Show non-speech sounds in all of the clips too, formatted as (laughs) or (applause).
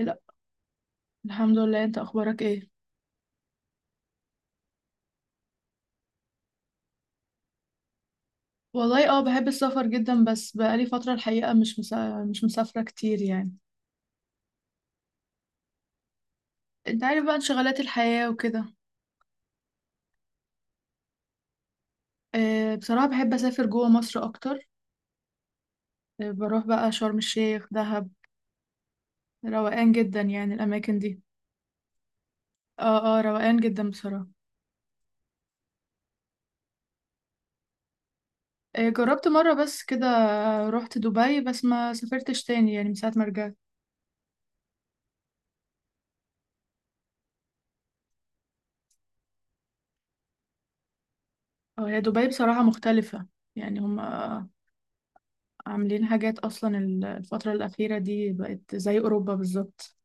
لا. الحمد لله، انت اخبارك ايه؟ والله اه، بحب السفر جدا بس بقالي فترة الحقيقة مش مسافرة كتير يعني. انت عارف بقى انشغالات الحياة وكده. آه بصراحة بحب اسافر جوه مصر اكتر. آه بروح بقى شرم الشيخ دهب. روقان جدا يعني الاماكن دي. اه روقان جدا بصراحة. آه جربت مرة بس كده. رحت دبي بس ما سافرتش تاني يعني من ساعة ما رجعت. اه هي دبي بصراحة مختلفة. يعني هم عاملين حاجات اصلا. الفترة الأخيرة دي بقت زي أوروبا بالظبط.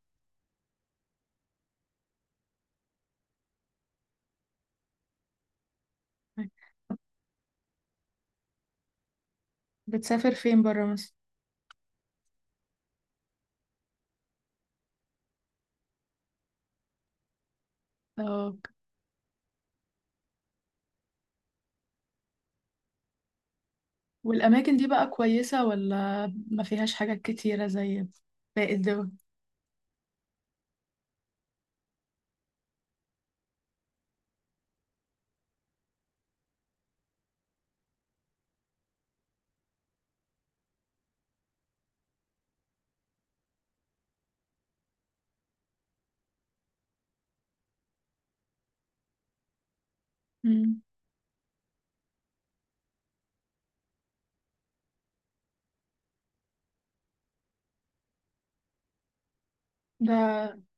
بتسافر فين بره مصر؟ اه والأماكن دي بقى كويسة ولا ما فيهاش حاجات كتيرة زي باقي الدول؟ مم. ده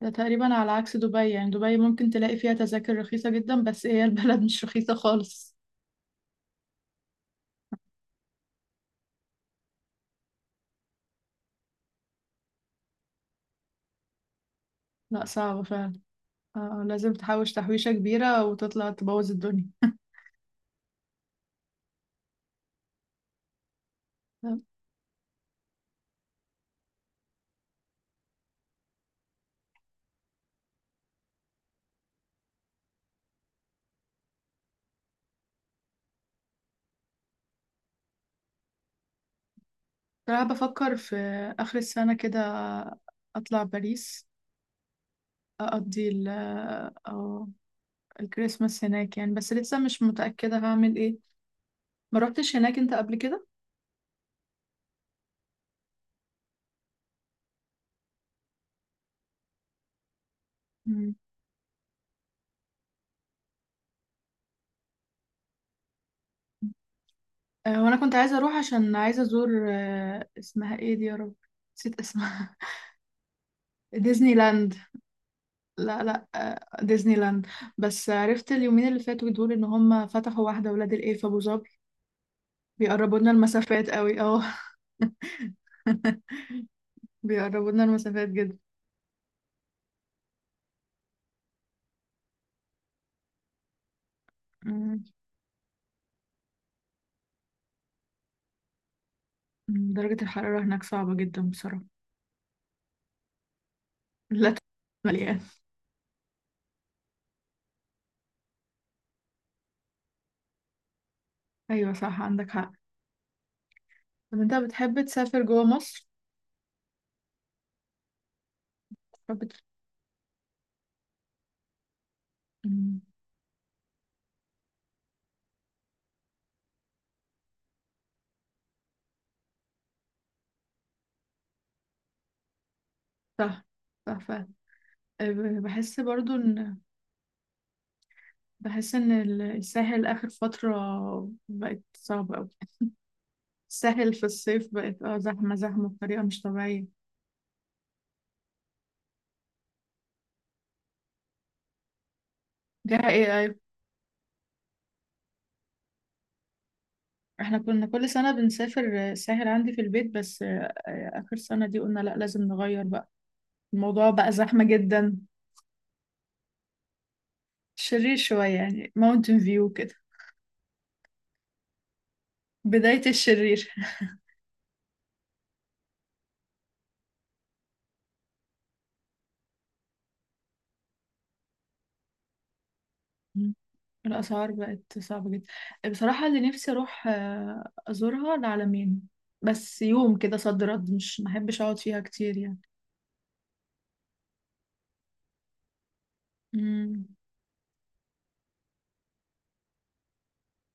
ده تقريبا على عكس دبي، يعني دبي ممكن تلاقي فيها تذاكر رخيصة جدا بس هي البلد (laughs) مش رخيصة خالص. لا صعبة فعلا. آه لازم تحوش تحويشة كبيرة وتطلع تبوظ الدنيا. بصراحة بفكر في آخر السنة كده أطلع باريس، أقضي ال- أو الكريسماس هناك يعني، بس لسه مش متأكدة هعمل إيه. ما روحتش هناك انت قبل كده؟ مم. آه، وانا كنت عايزه اروح عشان عايزه ازور آه، اسمها ايه دي يا رب، نسيت اسمها. (laughs) ديزني لاند. لا لا آه، ديزني لاند. بس عرفت اليومين اللي فاتوا دول ان هم فتحوا واحده ولاد الايه في ابو ظبي. بيقربوا لنا المسافات قوي اه. (laughs) بيقربوا لنا المسافات جدا. مم. مم، درجه الحراره هناك صعبه جدا بصراحه. لا (laughs) مليان. ايوه صح، عندك حق. طب انت بتحب تسافر جوه مصر؟ بتحب ت- مم، صح صح فعلا. آه، بحس برضو ان بحس إن الساحل آخر فترة بقت صعبة أوي. الساحل في الصيف بقت اه زحمة زحمة بطريقة مش طبيعية. ده ايه؟ أيوة احنا كنا كل سنة بنسافر الساحل عندي في البيت، بس آه، آخر سنة دي قلنا لأ لازم نغير بقى، الموضوع بقى زحمة جدا. شرير شوية يعني ماونتن فيو كده. بداية الشرير. (laughs) الأسعار بقت صعبة جدا. بصراحة اللي نفسي أروح آه، أزورها العلمين. بس يوم كده صد رد مش محبش أقعد فيها كتير يعني. مم.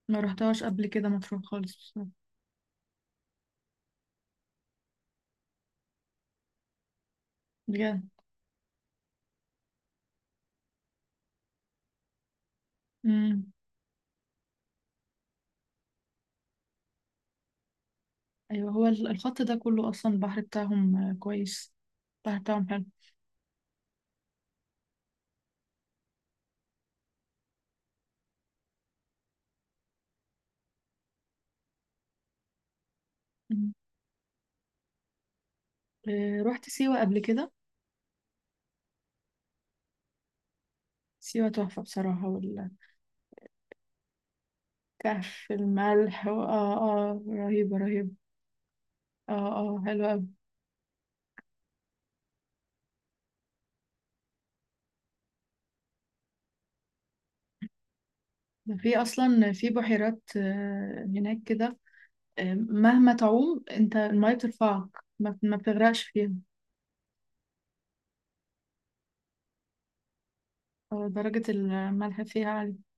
ما رحتهاش قبل كده مطروح خالص بصراحة. بجد. مم. ايوه هو الخط ده كله اصلا البحر بتاعهم آه، كويس. البحر بتاعهم حلو. مم. آه، رحت سيوة قبل كده. سيوة تحفة بصراحة. اه اه رهيبة رهيبة. اه اه حلوة أوي. في أصلا في بحيرات آه، هناك كده. آه، مهما تعوم انت المية بترفعك، ما بتغرقش فيها. آه، درجة الملح فيها عالية.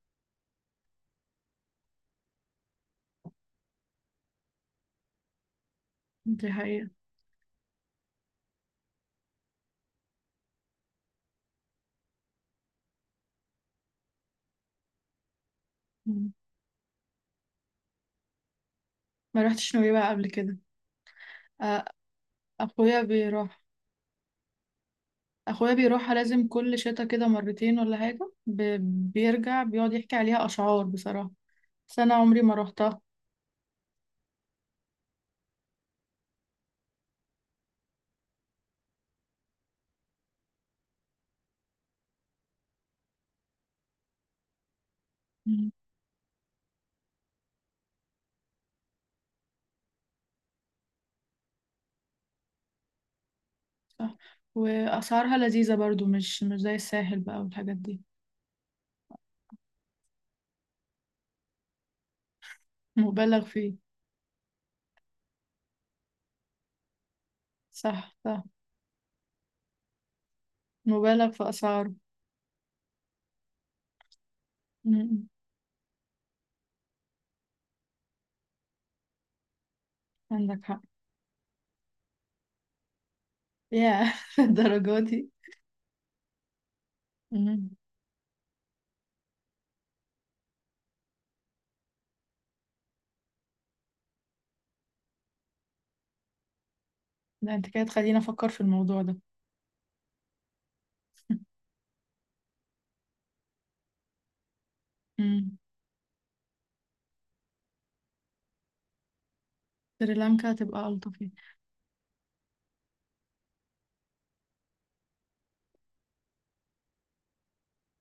دي حقيقة. مم. ما رحتش نويبع قبل كده. آه، اخويا بيروح. اخويا بيروحها لازم كل شتا كده مرتين ولا حاجة بيرجع بيقعد يحكي عليها اشعار بصراحة. بس انا عمري ما روحتها. مم. صح. واسعارها لذيذة برضو، مش زي الساحل بقى والحاجات دي. مبالغ فيه. صح صح. مبالغ في اسعاره. مم. عندك حق. يا (laughs) الدرجة دي. مم. لا انت كده تخليني افكر في الموضوع ده. (laughs) مم. سريلانكا هتبقى الطف يعني.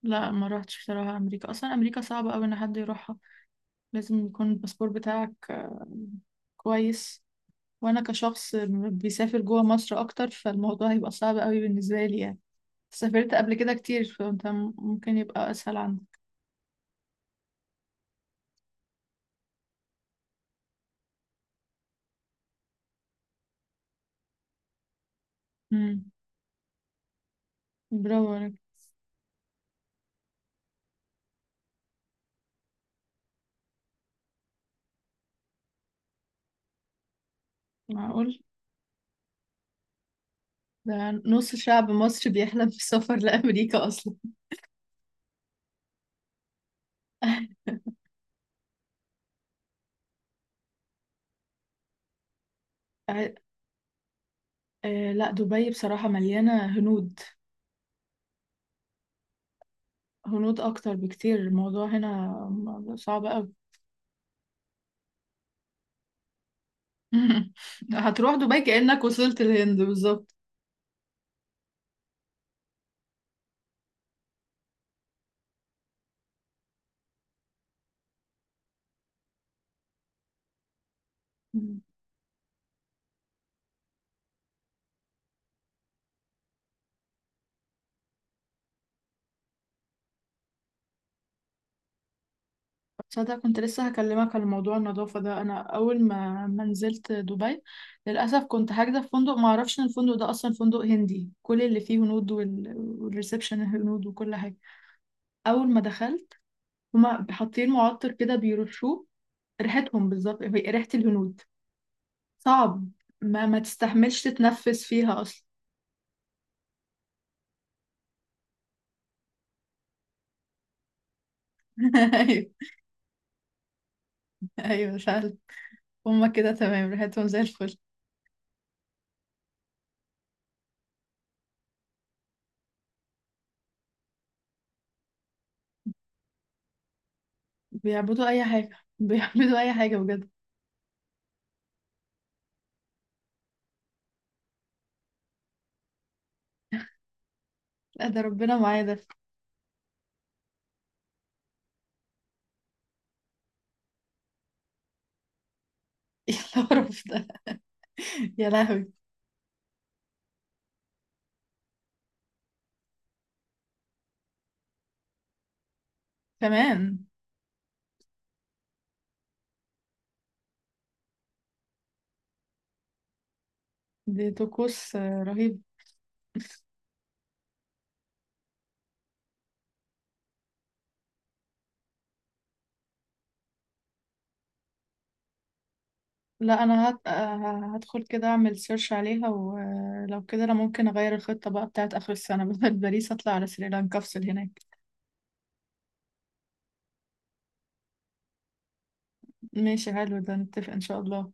لا ما روحتش بصراحة، امريكا اصلا امريكا صعبة قوي ان حد يروحها. لازم يكون الباسبور بتاعك آه، كويس. وانا كشخص بيسافر جوه مصر اكتر، فالموضوع هيبقى صعب قوي بالنسبه لي يعني. سافرت قبل كده كتير، فانت ممكن يبقى اسهل عندك. امم. برافو عليك. معقول. ده نص شعب مصر بيحلم بالسفر لامريكا اصلا. (laughs) آه، آه، لا دبي بصراحه مليانه هنود. هنود اكتر بكتير، الموضوع هنا صعب قوي. (laughs) هتروح دبي كانك وصلت الهند بالظبط. تصدق كنت لسه هكلمك على موضوع النظافة ده. أنا أول ما نزلت دبي، للأسف كنت حاجزة في فندق، ما أعرفش إن الفندق ده أصلا فندق هندي، كل اللي فيه هنود، وال... والريسبشن هنود وكل حاجة. أول ما دخلت هما حاطين معطر كده بيرشوه، ريحتهم بالظبط هي ريحة الهنود. صعب. ما تستحملش تتنفس فيها أصلا. (laughs) أيوه أيوه فعلا. هما كده تمام، ريحتهم زي الفل. بيعبدوا أي حاجة، بيعبدوا أي حاجة بجد. لا ده ربنا معايا ده. (laughs) إيه القرف ده؟ يا لهوي! كمان. دي طقوس آه، رهيب. لا انا آه، هدخل كده اعمل سيرش عليها، ولو كده انا ممكن اغير الخطة بقى بتاعت اخر السنة، (laughs) بدل باريس اطلع على سريلانكا افصل هناك. ماشي حلو، ده نتفق ان شاء الله.